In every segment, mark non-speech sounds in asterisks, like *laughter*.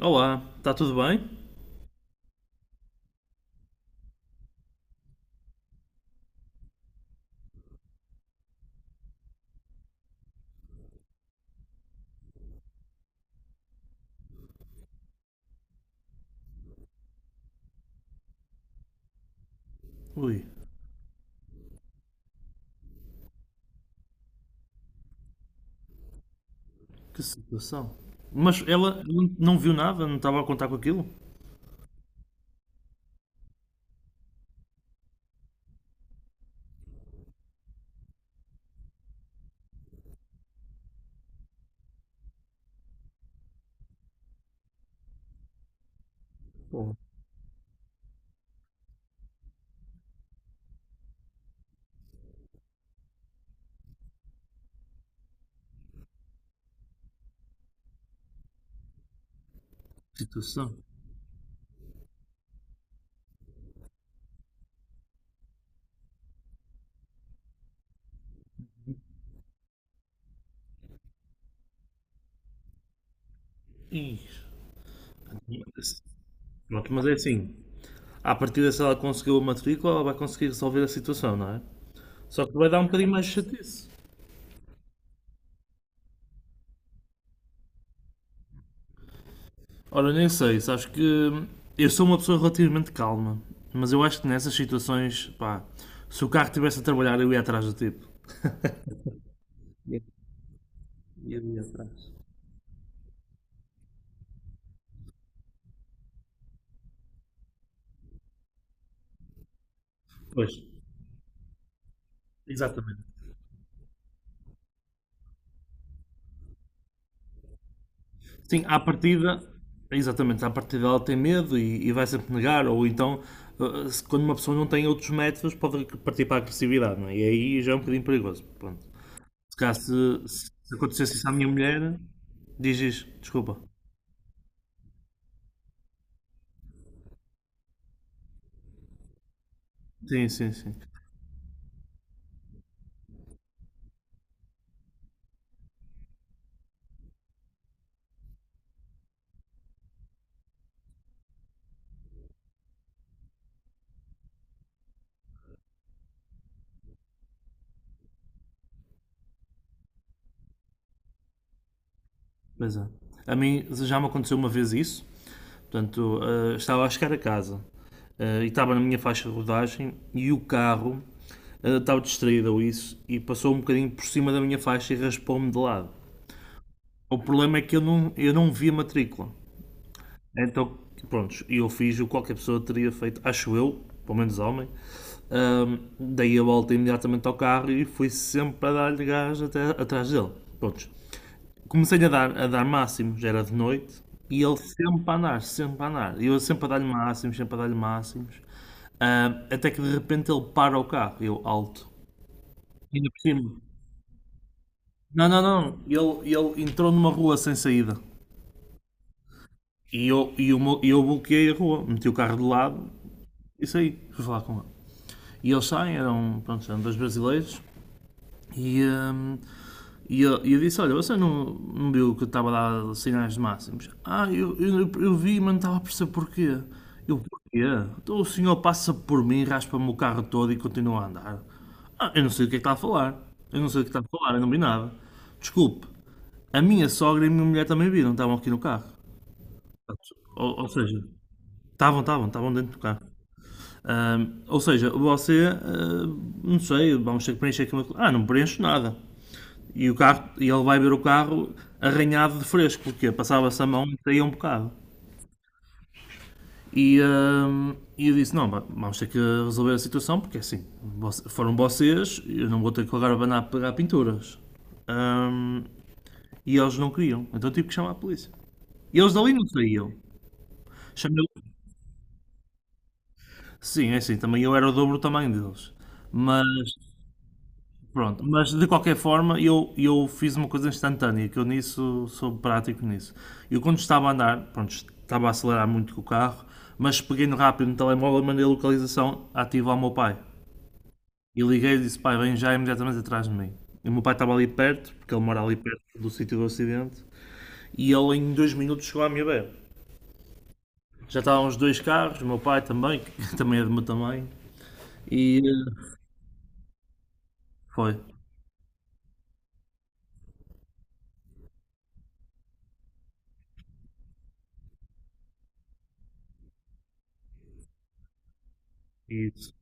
Olá, está tudo bem? Ui, que situação. Mas ela não viu nada, não estava a contar com aquilo? Pô, que situação. Ih, mas- Pronto, mas é assim. À partida, se ela conseguiu a matrícula, ela vai conseguir resolver a situação, não é? Só que vai dar um bocadinho mais de chatice. Ora, nem sei, sabes que eu sou uma pessoa relativamente calma, mas eu acho que nessas situações, pá, se o carro estivesse a trabalhar, eu ia atrás do tipo. Pois, exatamente. Sim, à partida, exatamente, à partida ela tem medo e vai sempre negar, ou então, quando uma pessoa não tem outros métodos, pode partir para a agressividade, não é? E aí já é um bocadinho perigoso. Pronto. Se calhar, se acontecesse isso à minha mulher, diz isso, desculpa. Sim, sim, sim. Pois é. A mim já me aconteceu uma vez isso, portanto, estava a chegar a casa e estava na minha faixa de rodagem e o carro estava distraído ou isso e passou um bocadinho por cima da minha faixa e raspou-me de lado. O problema é que eu não vi a matrícula. Então, pronto, eu fiz o que qualquer pessoa teria feito, acho eu, pelo menos homem. Ahm, Dei a volta imediatamente ao carro e fui sempre a dar-lhe gás até, atrás dele. Pronto. Comecei a dar máximo, já era de noite, e ele sempre a andar, sempre a andar. E eu sempre a dar-lhe máximos, sempre a dar-lhe máximos. Até que de repente ele para o carro, eu alto. E ainda por cima. Não, não, não. Ele entrou numa rua sem saída. E eu, e eu, eu bloqueei a rua, meti o carro de lado e saí, fui falar com ele. E eles saem, eram, pronto, eram dois brasileiros, e, hum, e eu disse, olha, você não, não viu que eu estava a dar sinais máximos? Ah, eu vi, mas não estava a perceber porquê. Eu, porquê? Então o senhor passa por mim, raspa-me o carro todo e continua a andar. Ah, eu não sei o que é que está a falar. Eu não sei o que está a falar, eu não vi nada. Desculpe, a minha sogra e a minha mulher também viram, estavam aqui no carro. Ou, ou seja, estavam dentro do carro. Ou seja, não sei, vamos ter que preencher aqui uma ah, não preencho nada. E o carro, e ele vai ver o carro arranhado de fresco, porque passava-se a mão e saía um bocado. E, ahm, e eu disse, não, vamos ter que resolver a situação, porque é assim, foram vocês, eu não vou ter que agora abanar a pegar pinturas. Ahm, e eles não queriam, então tive que chamar a polícia. E eles dali não saíam. Chamei... Sim, é assim, também eu era o dobro do tamanho deles. Mas pronto, mas de qualquer forma eu fiz uma coisa instantânea, que eu nisso sou prático nisso. Eu quando estava a andar, pronto, estava a acelerar muito com o carro, mas peguei no rápido no telemóvel, mandei a localização ativa ao meu pai. E liguei e disse, pai, vem já imediatamente atrás de mim. E o meu pai estava ali perto, porque ele mora ali perto do sítio do acidente, e ele em dois minutos chegou à minha beira. Já estavam os dois carros, o meu pai também, que *laughs* também é do meu tamanho, e foi. Isso.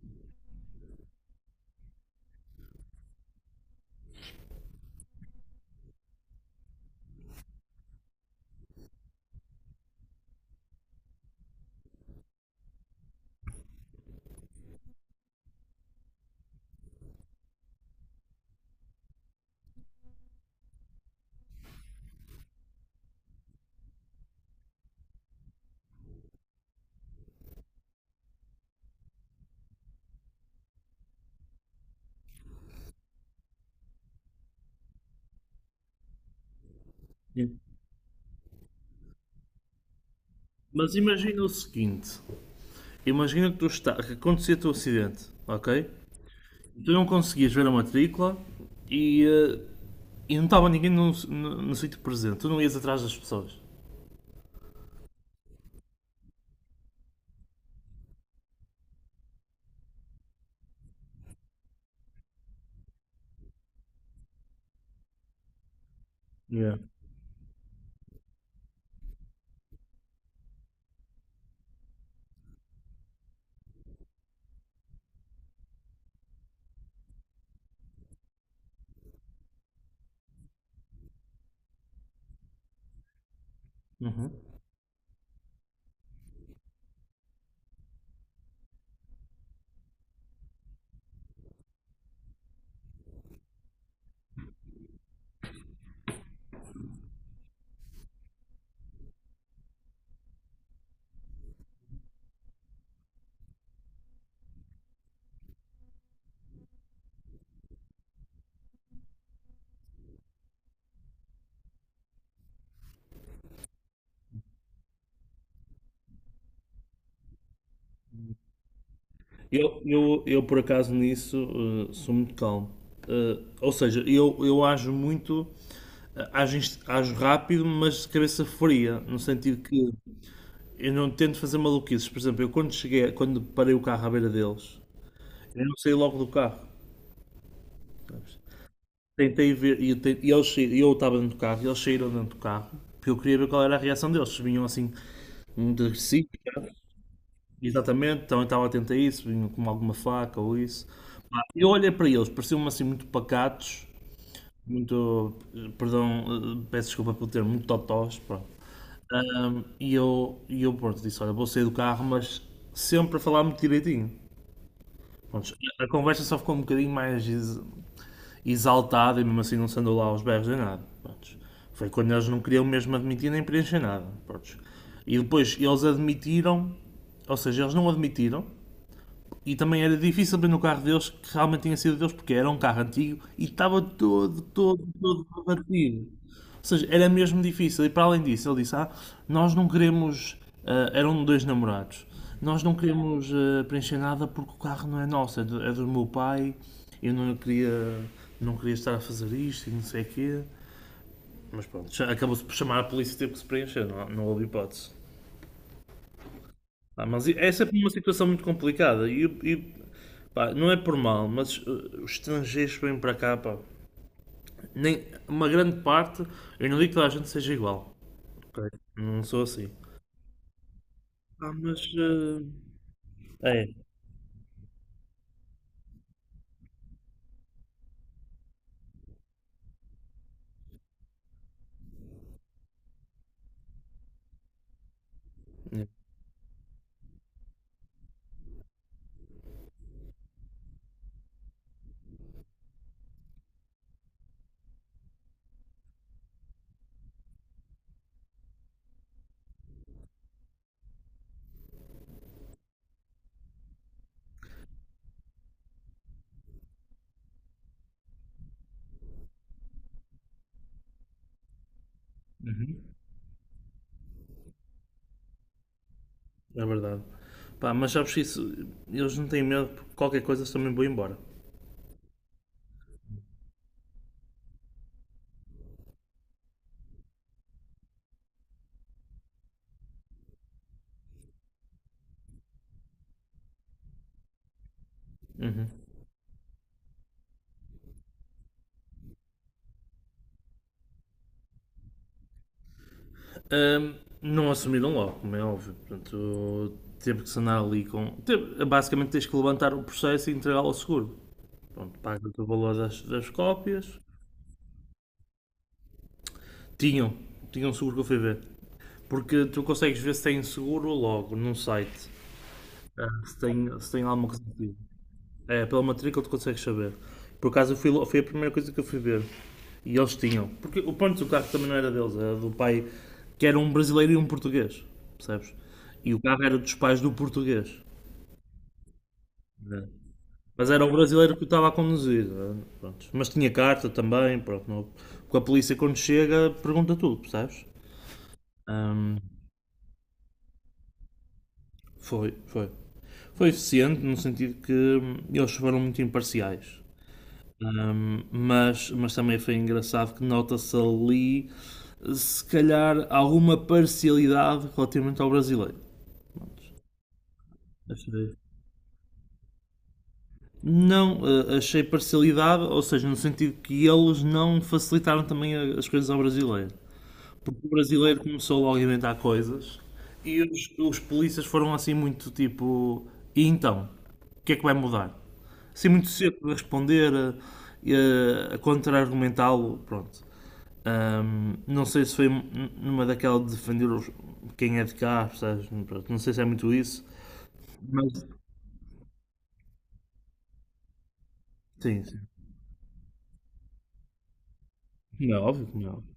Mas imagina o seguinte, imagina que, que acontecia o acidente, ok? Tu não conseguias ver a matrícula e, eh, e não estava ninguém no sítio presente. Tu não ias atrás das pessoas. Yeah. Uhum. Eu, por acaso, nisso sou muito calmo. Ou seja, eu ajo muito, ajo rápido, mas de cabeça fria, no sentido que eu não tento fazer maluquices. Por exemplo, eu quando cheguei, quando parei o carro à beira deles, eu não saí logo do carro. Tentei ver, e eu estava dentro do carro, e eles saíram dentro do carro, porque eu queria ver qual era a reação deles. Se vinham assim, muito agressivos, né? Exatamente, então eu estava atento a isso, vinham com alguma faca ou isso. Pá, eu olhei para eles, pareciam-me assim muito pacatos, muito, perdão, peço desculpa pelo termo, muito totós, pronto. E eu pronto, disse, olha, vou sair do carro, mas sempre a falar muito direitinho. Pronto, a conversa só ficou um bocadinho mais, exaltado e mesmo assim não se andou lá aos berros nem nada. Prontos. Foi quando eles não queriam mesmo admitir nem preencher nada. Prontos. E depois eles admitiram, ou seja, eles não admitiram e também era difícil abrir no carro deles que realmente tinha sido deles, porque era um carro antigo e estava todo partido. Ou seja, era mesmo difícil. E para além disso, ele disse: ah, nós não queremos. Ah, eram dois namorados. Nós não queremos ah, preencher nada porque o carro não é nosso, é é do meu pai. Eu não queria, não queria estar a fazer isto e não sei o quê. Mas pronto, já acabou-se por chamar a polícia e teve que se preencher, não, não houve hipótese. Ah, mas essa é sempre uma situação muito complicada. Pá, não é por mal, mas os estrangeiros que vêm para cá, pá, nem, uma grande parte, eu não digo que toda a gente seja igual. Ok? Não sou assim. Pá, mas é, é, é verdade. Pá, mas sabes que isso, eles não têm medo porque qualquer coisa eles também vão embora. Ahm, não assumiram logo, como é óbvio. Portanto, teve que se andar ali com. Teve- basicamente tens que levantar o processo e entregá-lo ao seguro. Pronto, paga-te o valor das cópias. Tinham, tinham um seguro que eu fui ver. Porque tu consegues ver se tem seguro logo num site. Ah, se tem lá alguma coisa assim. É, pela matrícula tu consegues saber. Por acaso foi a primeira coisa que eu fui ver. E eles tinham. Porque o ponto do carro também não era deles, era do pai, que era um brasileiro e um português. Percebes? E o carro era dos pais do português. Né? Mas era o brasileiro que o estava a conduzir. Né? Pronto. Mas tinha carta também, pronto. Porque a polícia quando chega pergunta tudo, percebes? Foi, foi. Foi eficiente no sentido que eles foram muito imparciais. Mas também foi engraçado que nota-se ali, se calhar, alguma parcialidade relativamente ao brasileiro. Achei. Não, achei parcialidade, ou seja, no sentido que eles não facilitaram também as coisas ao brasileiro. O brasileiro começou logo a inventar coisas e os polícias foram assim muito tipo, e então? O que é que vai mudar? Assim muito cedo a responder, a contra-argumentá-lo, pronto. Não sei se foi numa daquela de defender quem é de cá, percebes? Pronto, não sei se é muito isso, mas sim, sim. Como é óbvio, como é óbvio.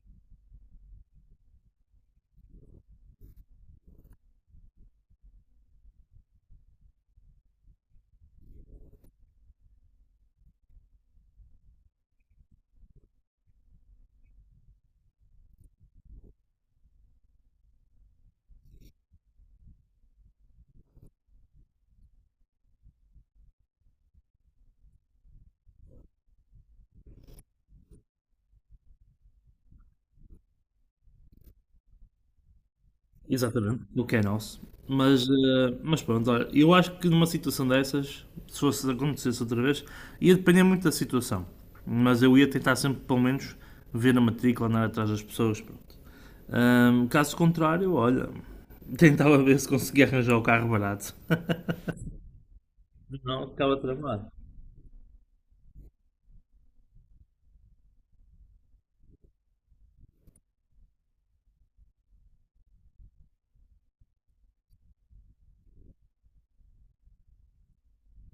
Exatamente, do que é nosso. Mas, mas pronto, olha, eu acho que numa situação dessas, se fosse acontecesse outra vez, ia depender muito da situação. Mas eu ia tentar sempre, pelo menos, ver a matrícula, andar atrás das pessoas. Pronto. Caso contrário, olha, *laughs* tentava ver se conseguia arranjar o carro barato. *laughs* Não, ficava tramado.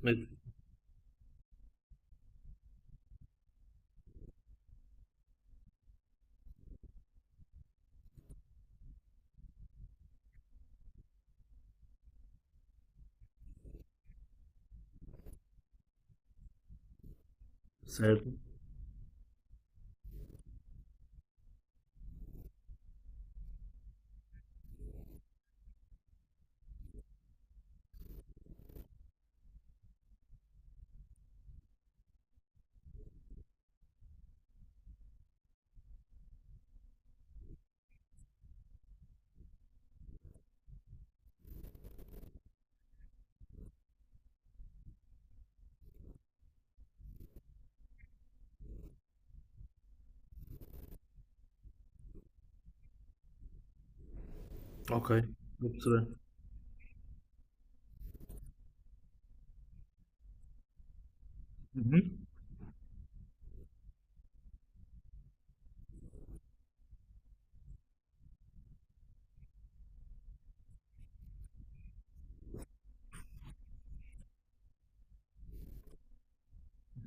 Mas, certo. Ok, vou perceber. Uhum.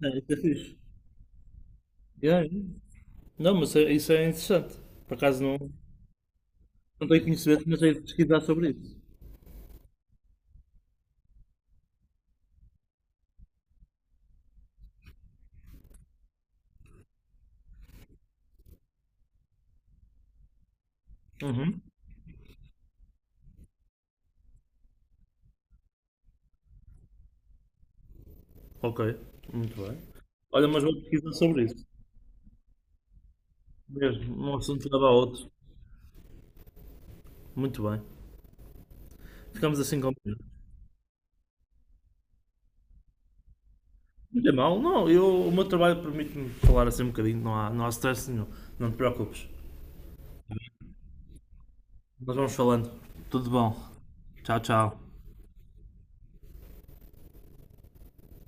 É, isso é fixe. Yeah, yeah. Não, mas isso é interessante. Por acaso não, não tenho conhecimento, mas tenho de pesquisar sobre isso. Uhum. Ok, muito bem. Olha, mas vou pesquisar sobre isso. Mesmo, um assunto leva a outro. Muito bem. Ficamos assim combinados. Não é mal, não. Eu, o meu trabalho permite-me falar assim um bocadinho. Não há stress nenhum. Não te preocupes. Nós vamos falando. Tudo bom. Tchau, tchau.